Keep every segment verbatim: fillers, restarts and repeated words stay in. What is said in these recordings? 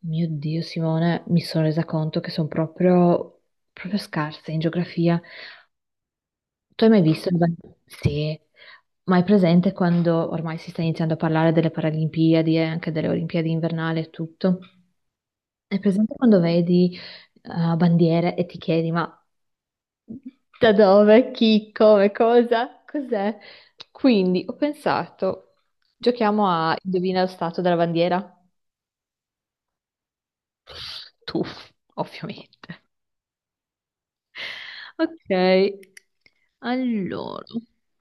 Mio Dio, Simone, mi sono resa conto che sono proprio, proprio scarsa in geografia. Tu hai mai visto il ban- sì, ma hai presente quando ormai si sta iniziando a parlare delle Paralimpiadi e anche delle Olimpiadi invernali e tutto? Hai presente quando vedi eh, bandiere e ti chiedi ma da dove, chi, come, cosa, cos'è? Quindi ho pensato, giochiamo a indovina lo stato della bandiera? Tu, ovviamente. Ok, allora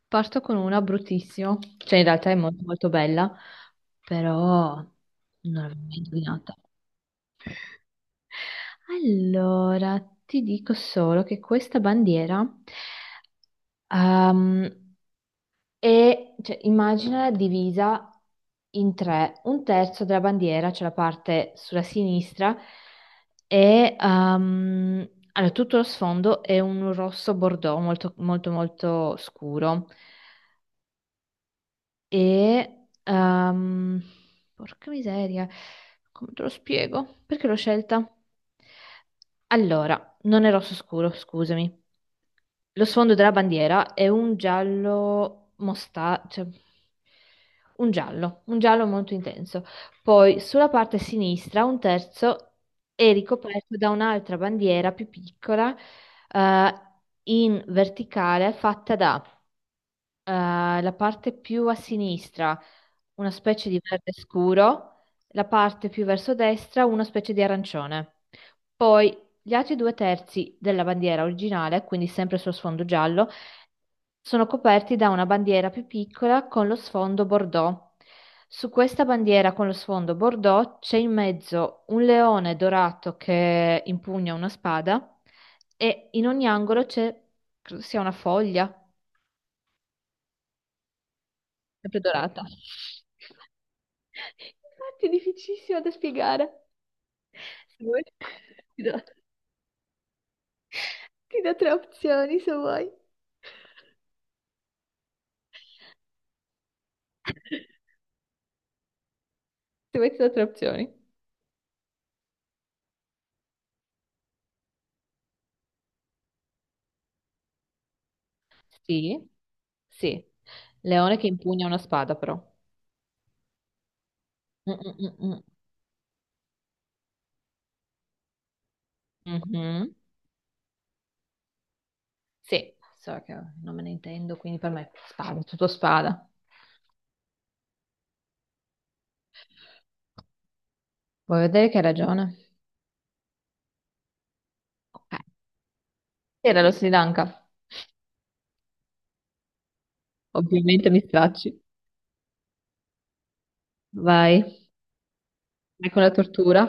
parto con una bruttissima, cioè in realtà è molto molto bella, però non l'avevo mai indovinata. Allora ti dico solo che questa bandiera ehm, e cioè, immagina divisa in tre, un terzo della bandiera, cioè la parte sulla sinistra, e ehm, allora, tutto lo sfondo è un rosso bordeaux molto molto molto scuro. E ehm, porca miseria, come te lo spiego? Perché l'ho scelta? Allora, non è rosso scuro, scusami. Lo sfondo della bandiera è un giallo mosta, cioè un giallo, un giallo molto intenso. Poi sulla parte sinistra un terzo è ricoperto da un'altra bandiera più piccola, eh, in verticale, fatta da, eh, la parte più a sinistra, una specie di verde scuro, la parte più verso destra, una specie di arancione. Poi gli altri due terzi della bandiera originale, quindi sempre sullo sfondo giallo, sono coperti da una bandiera più piccola con lo sfondo bordeaux. Su questa bandiera con lo sfondo bordeaux c'è in mezzo un leone dorato che impugna una spada e in ogni angolo c'è, credo sia una foglia, sempre dorata. Infatti è difficilissimo da spiegare. Se vuoi, ti do, ti do tre opzioni se vuoi. Se vuoi ti do tre opzioni. Sì, sì. Leone che impugna una spada, però. Mm, mm, mm, mm. Mhm. Sì, so che non me ne intendo, quindi per me spada, tutto spada. Vuoi vedere che hai ragione? Ok. Sì, era lo Sri Lanka. Ovviamente mi stracci. Vai, vai con la tortura.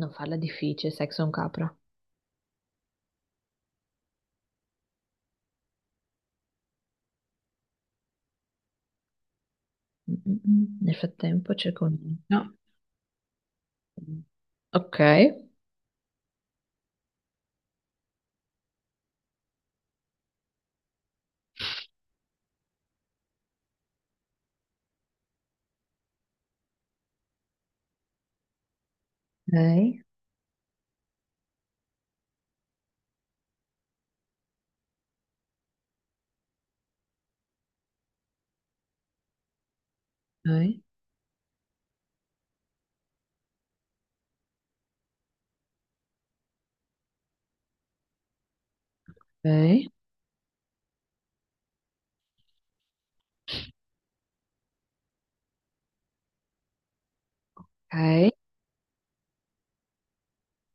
Non farla difficile, sai che sono capra. Mm, mm, mm. Nel frattempo cerco un... No. Ok. Ok. Ok. Ok.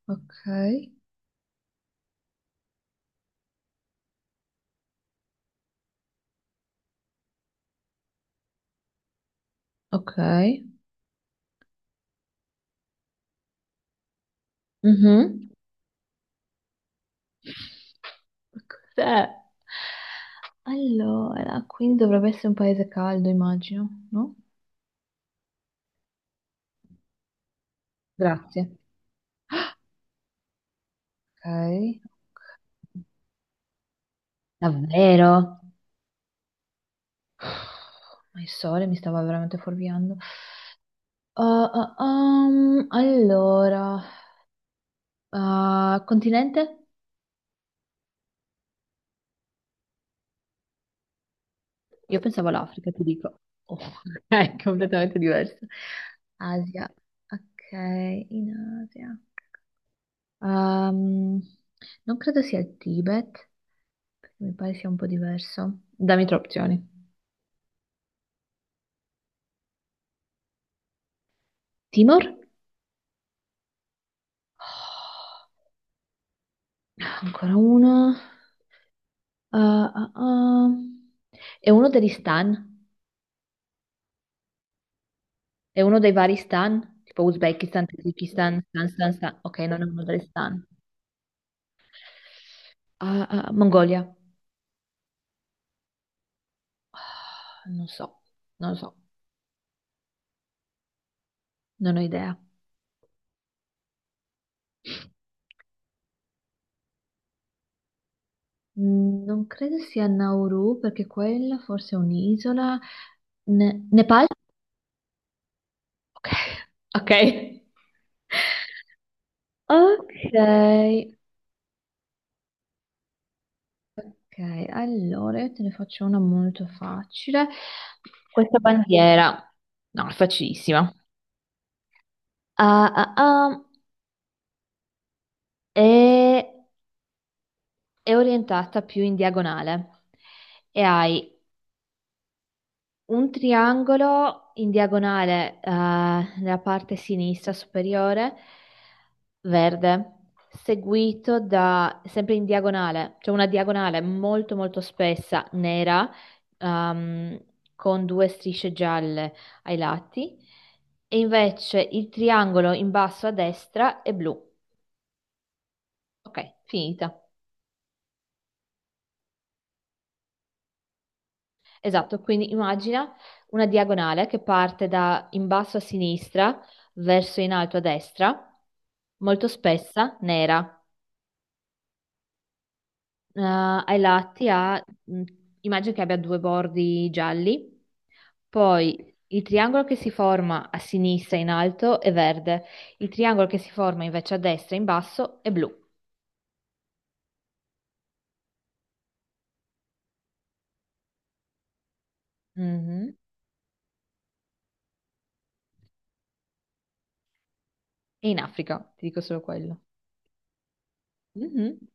Ok. Ok. Ok. Mhm. Cos'è? Allora, quindi dovrebbe essere un paese caldo, immagino, no? Grazie. Ok. Davvero? Ma il sole mi stava veramente fuorviando. Ah, ah, um, allora, ah, continente? Io pensavo all'Africa, ti dico. Oh, è completamente diverso. Asia. Ok, in Asia. Ehm, non credo sia il Tibet, perché mi pare sia un po' diverso. Dammi tre opzioni. Timor? Oh, ancora uno. Ah, ah, ah. È uno degli stan? È uno dei vari stan? Tipo Uzbekistan, Tagikistan, stan, stan, stan. Ok, non è uno degli stan. Ah, ah, Mongolia? Ah, non so, non lo so, non ho idea. Mm, non credo sia Nauru, perché quella forse è un'isola. Ne- Nepal? Ok. Ok, ok, ok. Allora io te ne faccio una molto facile. Questa bandiera, no, è facilissima. Ah, ah, ah, è, è orientata più in diagonale e hai un triangolo in diagonale eh, nella parte sinistra superiore verde, seguito da, sempre in diagonale, cioè una diagonale molto molto spessa, nera, ehm, con due strisce gialle ai lati, e invece il triangolo in basso a destra è blu. Ok, finita. Esatto, quindi immagina una diagonale che parte da in basso a sinistra verso in alto a destra, molto spessa, nera. Eh, ai lati ha, mh, immagino che abbia due bordi gialli, poi il triangolo che si forma a sinistra in alto è verde, il triangolo che si forma invece a destra in basso è blu. Mhm. E in Africa, ti dico solo quello. Mhm.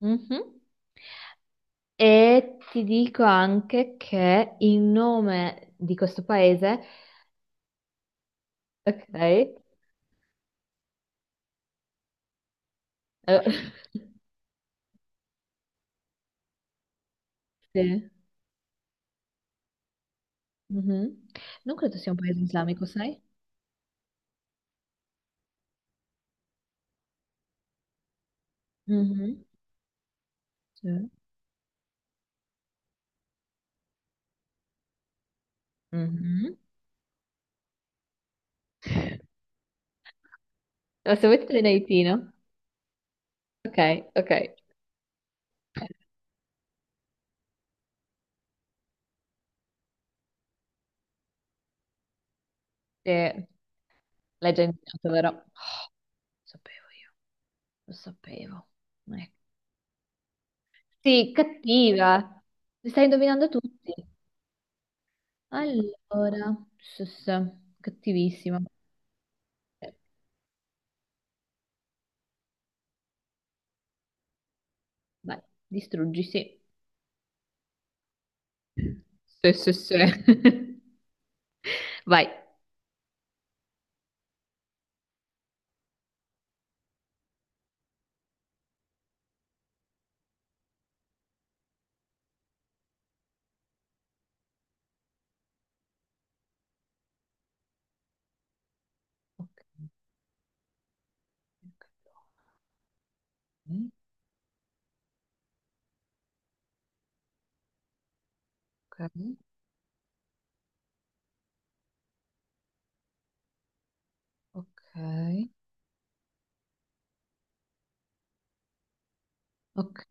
Mhm. E ti dico anche che il nome di questo paese, ok, eh, sì. Mhm. Non credo sia un paese islamico, sai? Mhm. Sì. Mhm. No, se vuoi te ne dai Tino. Ok, ok. Eh, l'hai già indovinato, vero? Oh, lo sapevo io, lo sapevo. Ecco. Sì, cattiva. Li stai indovinando tutti. Allora, sì, sì, sì. Cattivissima. Eh, Vai, distruggi, sì. Sì, sì, sì. Vai. Ok, ok, ok. Ok. Ok, ok.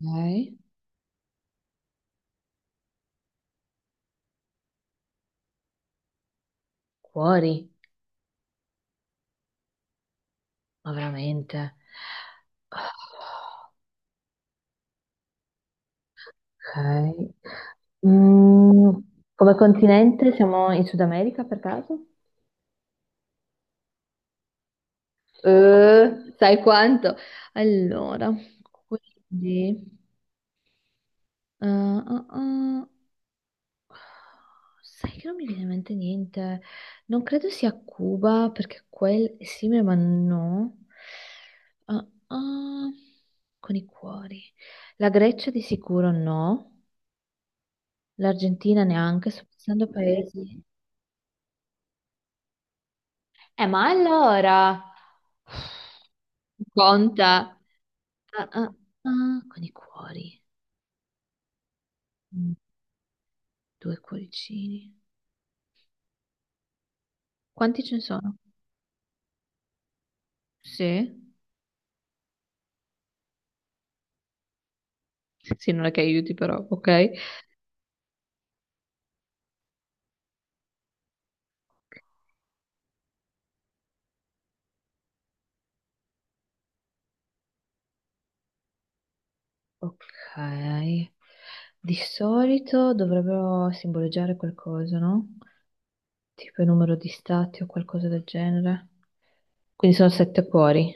Cuori, ma veramente. Ah. Ok. Mm, come continente siamo in Sud America per caso? Eh, sai quanto? Allora, quindi... eh, ah, ah, sai che non mi viene in mente niente. Non credo sia Cuba perché quel... Sì, ma no. Ah, ah, con i cuori. La Grecia di sicuro no. L'Argentina neanche, sto pensando a paesi. Eh, ma allora, conta. Ah, ah, ah, con i cuori. Mm, due cuoricini. Quanti ce ne sono? Sì? Sì, non è che aiuti però, ok? Ok. Di solito dovrebbero simboleggiare qualcosa, no? Tipo il numero di stati o qualcosa del genere. Quindi sono sette cuori.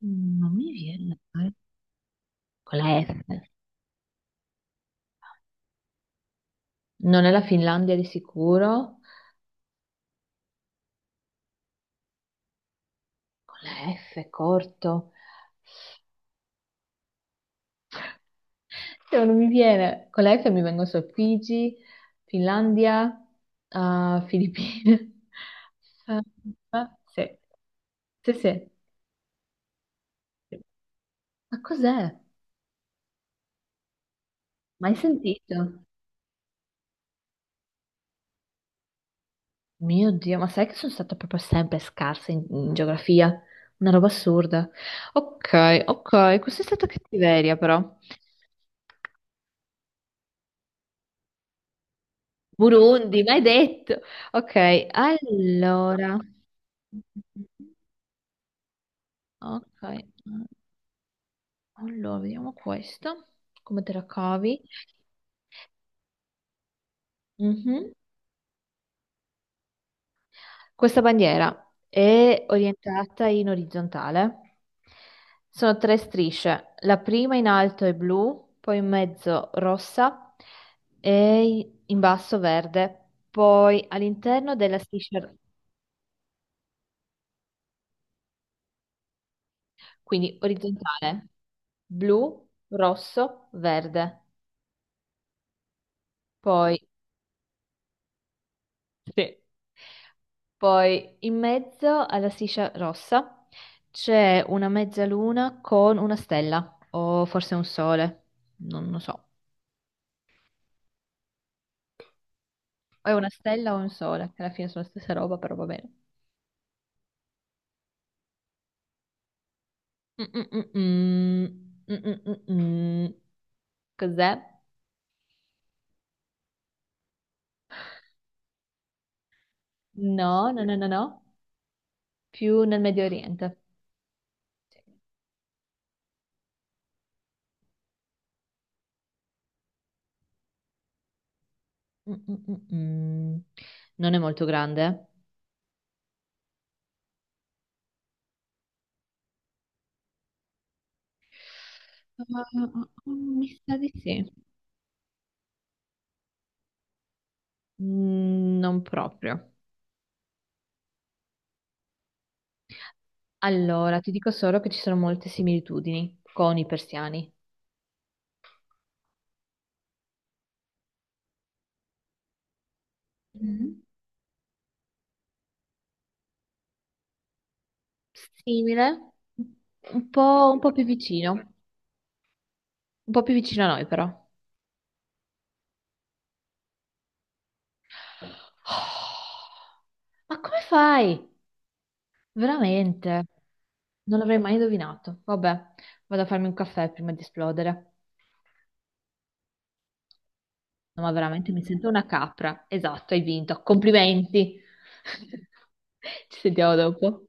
Non mi viene. Dai. Con la F. Non è la Finlandia di sicuro. Con la F corto. Cioè, non mi viene. Con la F mi vengono solo Figi, Finlandia, ah, Filippine. Ah, ah, sì, sì, sì. Ma cos'è? Mai sentito? Mio Dio, ma sai che sono stata proprio sempre scarsa in, in geografia? Una roba assurda. Ok, ok, questa è stata cattiveria però. Burundi, mai detto. Ok, allora. Ok, mm, allora vediamo questa, come te la cavi. Mhm. Questa bandiera è orientata in orizzontale. Sono tre strisce, la prima in alto è blu, poi in mezzo rossa e in basso verde. Poi all'interno della striscia, quindi orizzontale, blu, rosso, verde. Poi sì. Poi in mezzo alla striscia rossa c'è una mezzaluna con una stella, o forse un sole, non lo so. È una stella o un sole, che alla fine sono la stessa roba, però va bene. Mm-mm-mm-mm. Mm-mm-mm-mm. Cos'è? No, no, no, no, no. Più nel Medio Oriente. Sì. Mm-mm-mm-mm. Non è molto grande. Eh? Ah, ah, ah, mi sa di sì. Mm, non proprio. Allora, ti dico solo che ci sono molte similitudini con i persiani. Mhm. Simile, un po', un po' più vicino, un po' più vicino a noi però. Oh, ma come fai? Veramente? Non l'avrei mai indovinato. Vabbè, vado a farmi un caffè prima di esplodere. No, ma veramente mi sento una capra. Esatto, hai vinto. Complimenti. Ci sentiamo dopo.